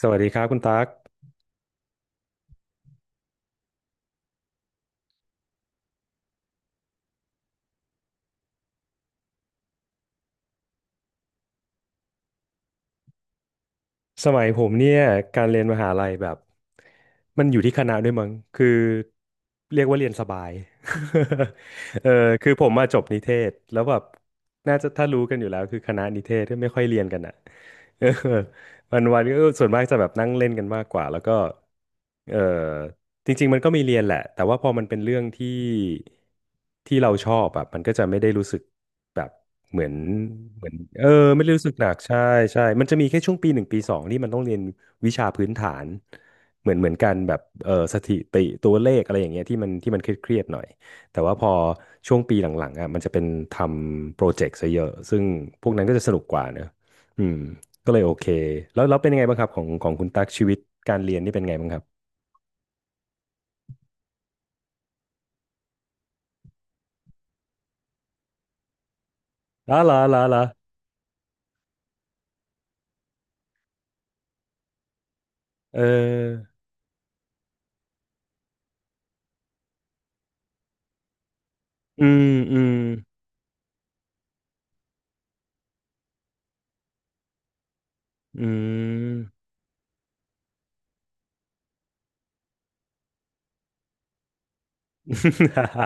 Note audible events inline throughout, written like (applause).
สวัสดีครับคุณตั๊กสมัยผมเนี่ยการเรียนมหาลัยแบบมันอยู่ที่คณะด้วยมั้งคือเรียกว่าเรียนสบาย (laughs) เออคือผมมาจบนิเทศแล้วแบบน่าจะถ้ารู้กันอยู่แล้วคือคณะนิเทศที่ไม่ค่อยเรียนกันอ่ะ เออ (laughs) วันก็ส่วนมากจะแบบนั่งเล่นกันมากกว่าแล้วก็เออจริงๆมันก็มีเรียนแหละแต่ว่าพอมันเป็นเรื่องที่ที่เราชอบแบบมันก็จะไม่ได้รู้สึกแบบเหมือนเหมือนไม่ได้รู้สึกหนักใช่ใช่มันจะมีแค่ช่วงปีหนึ่งปีสองที่มันต้องเรียนวิชาพื้นฐานเหมือนกันแบบสถิติตัวเลขอะไรอย่างเงี้ยที่มันเครียดๆหน่อยแต่ว่าพอช่วงปีหลังๆอ่ะมันจะเป็นทำโปรเจกต์ซะเยอะซึ่งพวกนั้นก็จะสนุกกว่าเนอะอืม ก็เลยโอเคแล้วแล้วเป็นยังไงบ้างครับของของคุณตั๊กชีวิตการเรียนนี่เป็นไงบ้างครับล้าล้าล้าล้าเอออืมอืมอืม (laughs)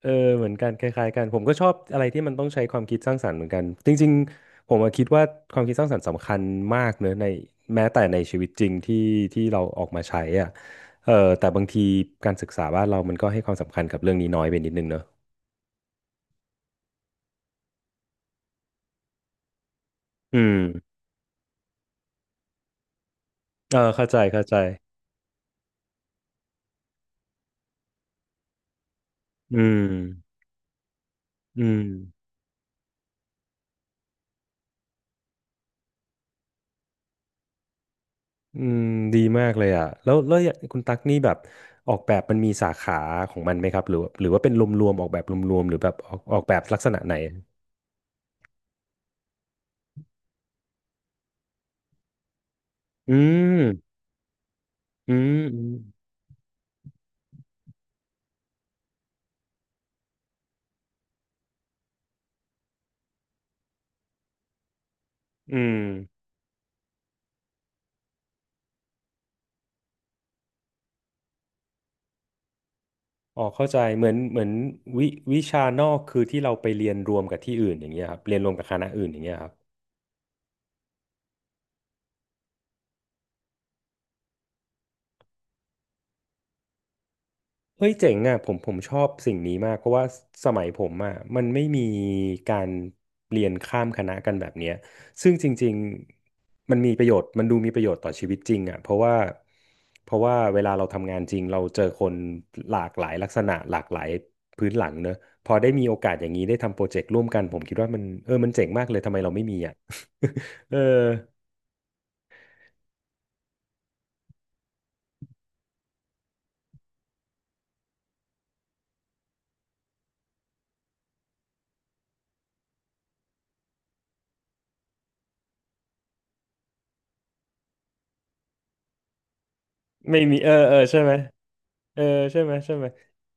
เออเหมือนกันคล้ายๆกันผมก็ชอบอะไรที่มันต้องใช้ความคิดสร้างสรรค์เหมือนกันจริงๆผมอะคิดว่าความคิดสร้างสรรค์สำคัญมากเนอะในแม้แต่ในชีวิตจริงที่ที่เราออกมาใช้อ่ะเออแต่บางทีการศึกษาบ้านเรามันก็ให้ความสำคัญกับเรื่องนี้น้อยไปนิดนึงเนอะอืมเออเข้าใจเข้าใจอืมอืม อืมดีมากเลยอ่ะแล้วแล้วอย่างคุณตั๊กนี่แบบออกแบบมันมีสาขาของมันไหมครับหรือว่าหรือว่าเป็นรวมๆออกแบบรวมๆหรือแบบออกแบบลักษณะไหนอืมอืมอืมอืมอ๋อเข้าใจเหมือนวิวิชานอกคือที่เราไปเรียนรวมกับที่อื่นอย่างเงี้ยครับเรียนรวมกับคณะอื่นอย่างเงี้ยครับ เฮ้ยเจ๋งอ่ะผมชอบสิ่งนี้มากเพราะว่าสมัยผมอ่ะมันไม่มีการเรียนข้ามคณะกันแบบเนี้ยซึ่งจริงๆมันมีประโยชน์มันดูมีประโยชน์ต่อชีวิตจริงอ่ะเพราะว่าเวลาเราทำงานจริงเราเจอคนหลากหลายลักษณะหลากหลายพื้นหลังเนอะพอได้มีโอกาสอย่างนี้ได้ทำโปรเจกต์ร่วมกันผมคิดว่ามันมันเจ๋งมากเลยทำไมเราไม่มีอ่ะ (laughs) เออไม่มีเออใช่ไหมเออใช่ไหม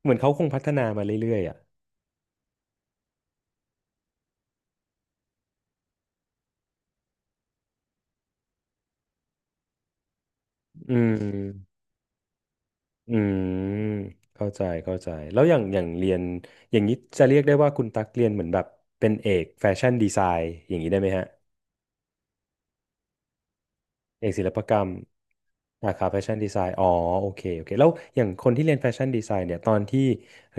เหมือนเขาคงพัฒนามาเรื่อยๆอ่ะอืม อืมเข้าใจเข้าใจแล้วอย่างอย่างเรียนอย่างนี้จะเรียกได้ว่าคุณตักเรียนเหมือนแบบเป็นเอกแฟชั่นดีไซน์อย่างนี้ได้ไหมฮะเอกศิลปกรรมสาขาแฟชั่นดีไซน์อ๋อโอเคโอเคแล้วอย่างคนที่เรียนแฟชั่นดีไซน์เนี่ยตอนที่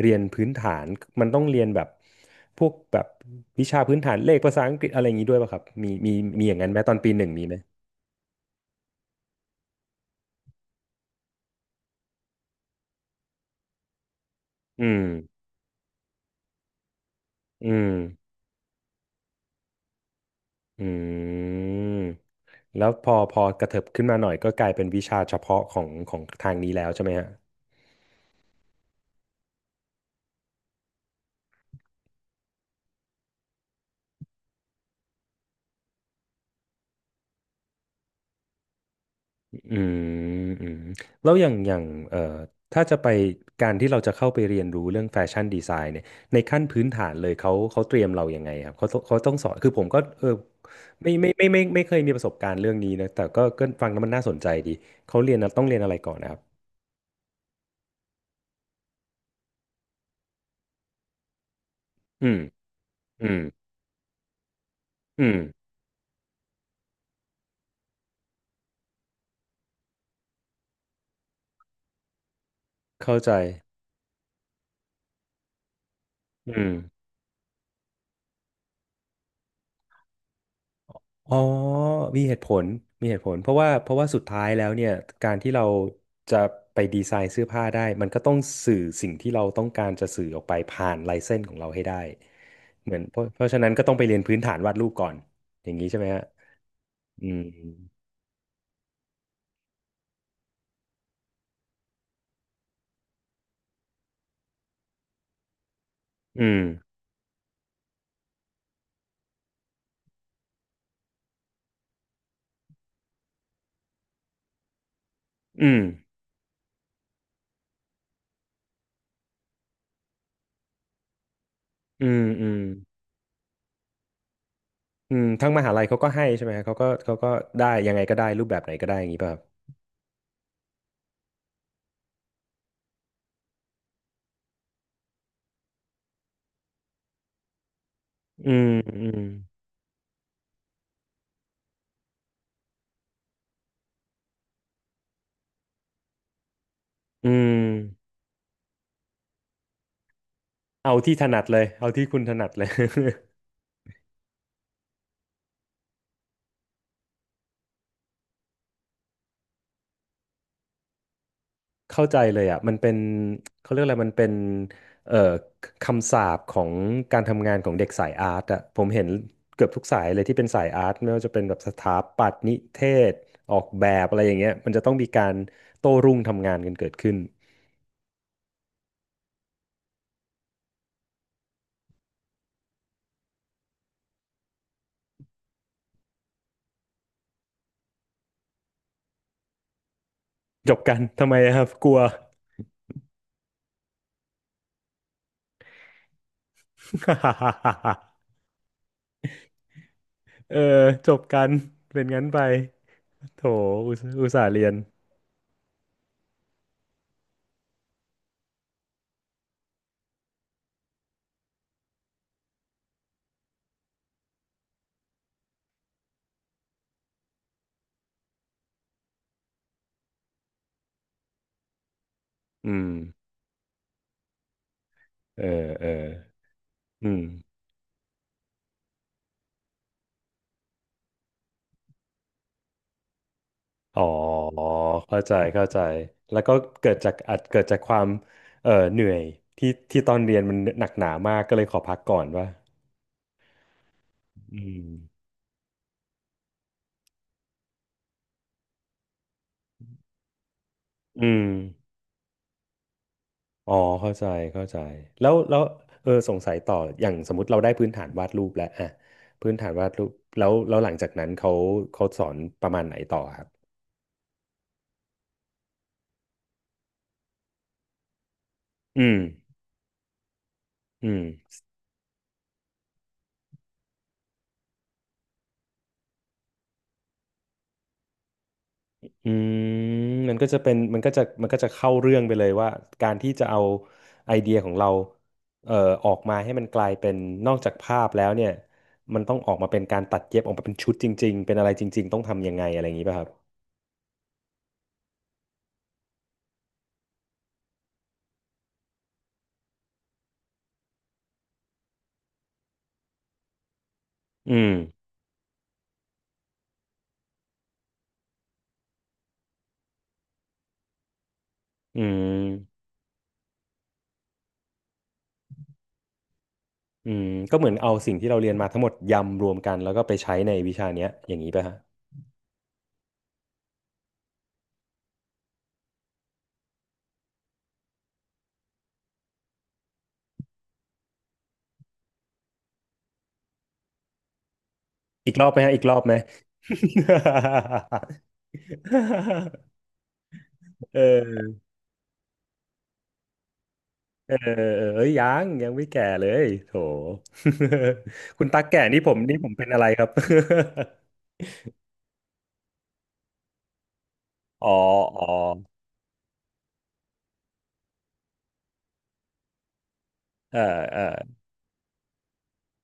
เรียนพื้นฐานมันต้องเรียนแบบพวกแบบวิชาพื้นฐานเลขภาษาอังกฤษอะไรอย่างนี้ด้วยป่ะครับมีอย่างนั้นไหมตอนปีหนึ่งมีไหมอืมอืม อืมแล้วพอกระเถิบขึ้นมาหน่อยก็กลายเป็นวิชาเฉพาะของของทางนี้แล้วใช่ไหมฮะอืมอืมแล้วอย่างอย่างเอ่อถ้าจะไปการที่เราจะเข้าไปเรียนรู้เรื่องแฟชั่นดีไซน์เนี่ยในขั้นพื้นฐานเลยเขาเตรียมเรายังไงครับเขาต้องสอนคือผมก็ไม่เคยมีประสบการณ์เรื่องนี้นะแต่ก็ก็ฟังแล้วมันน่าสนใจดีเขาเรียนนะต้องเรียนอะไรก่อนนะครับอืมอืมอืมเข้าใจอืม อ๋อมีเหตุผลมีเหตุผลเพราะว่าเพราะว่าสุดท้ายแล้วเนี่ย การที่เราจะไปดีไซน์เสื้อผ้าได้มันก็ต้องสื่อสิ่งที่เราต้องการจะสื่อออกไปผ่านลายเส้นของเราให้ได้เหมือนเพราะเพราะฉะนั้นก็ต้องไปเรียนพื้นฐานวาดรูปก่อนอย่างนี้ใช่ไหมฮะอืมอืมอืมอืมอืมทั้งมหาลัยเขาก็ให้ใช่ไหมฮะเขาก็ได้ยังไงก็ได้รูปแบบไหนก็ได้อย่างนี้ป่ะครับอืมอืมอืมเอาที่ถนัดเลยเอาที่คุณถนัดเลย เข้าใจเลยอ่ะมันเป็นเขาเรียกอะไรมันเป็นเอ่อคำสาปของการทำงานของเด็กสายอาร์ตอ่ะผมเห็นเกือบทุกสายเลยที่เป็นสายอาร์ตไม่ว่าจะเป็นแบบสถาปัตย์นิเทศออกแบบอะไรอย่างเงี้ยมันจะต้องมีการโต้รุ่งทำงานกันเกิดขึ้นจบกันทำไมอะครับกลัว (laughs) เออจบกันเป็นงั้นไปโถอุตส่าห์เรียนอืมเออเอออืม อ๋อเข้าใจเข้าใจแล้วก็เกิดจากอาจเกิดจากความเหนื่อยที่ตอนเรียนมันหนักหนามากก็เลยขอพักก่อนว่าอืมอืมอ๋อเข้าใจเข้าใจแล้วแล้วสงสัยต่ออย่างสมมติเราได้พื้นฐานวาดรูปแล้วอะพื้นฐานวาดรูปแล้วแล้วหลังจากนั้นเขาสอนประมาณไหนต่อครับอืมอืม อืมมันก็จะเป็นมันก็จะมันก็จะเข้าเรื่องไปเลยว่าการที่จะเอาไอเดียของเราเอ่อออกมาให้มันกลายเป็นนอกจากภาพแล้วเนี่ยมันต้องออกมาเป็นการตัดเย็บออกมาเป็นชุดจริงๆเป็นอะไรจริงๆต้องทำยังไงอะไรอย่างนี้ป่ะครับอืมอืมอืมก็เหมือนเอาสิ่งที่เราเรียนมาทั้งหมดยำรวมกันแล้วก็ไปใช้ในวิชาเนี้ยอย่างนี้ป่ะฮะอีกรอบไหมฮะอีกรอบไหม (laughs) เออ เอ้ยยังยังไม่แก่เลยโถ (laughs) คุณตัแก่นี่ผมนี่ผมเป็นอะไรครับ (laughs) อ๋ออ๋อเออเออ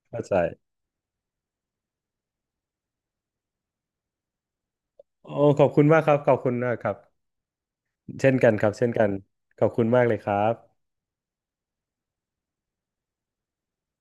เข้าใจโอ้ขอบคุณมากครับขอบคุณมากครับเช่นกันครับเช่นกันขอบคุณมากเลยครับ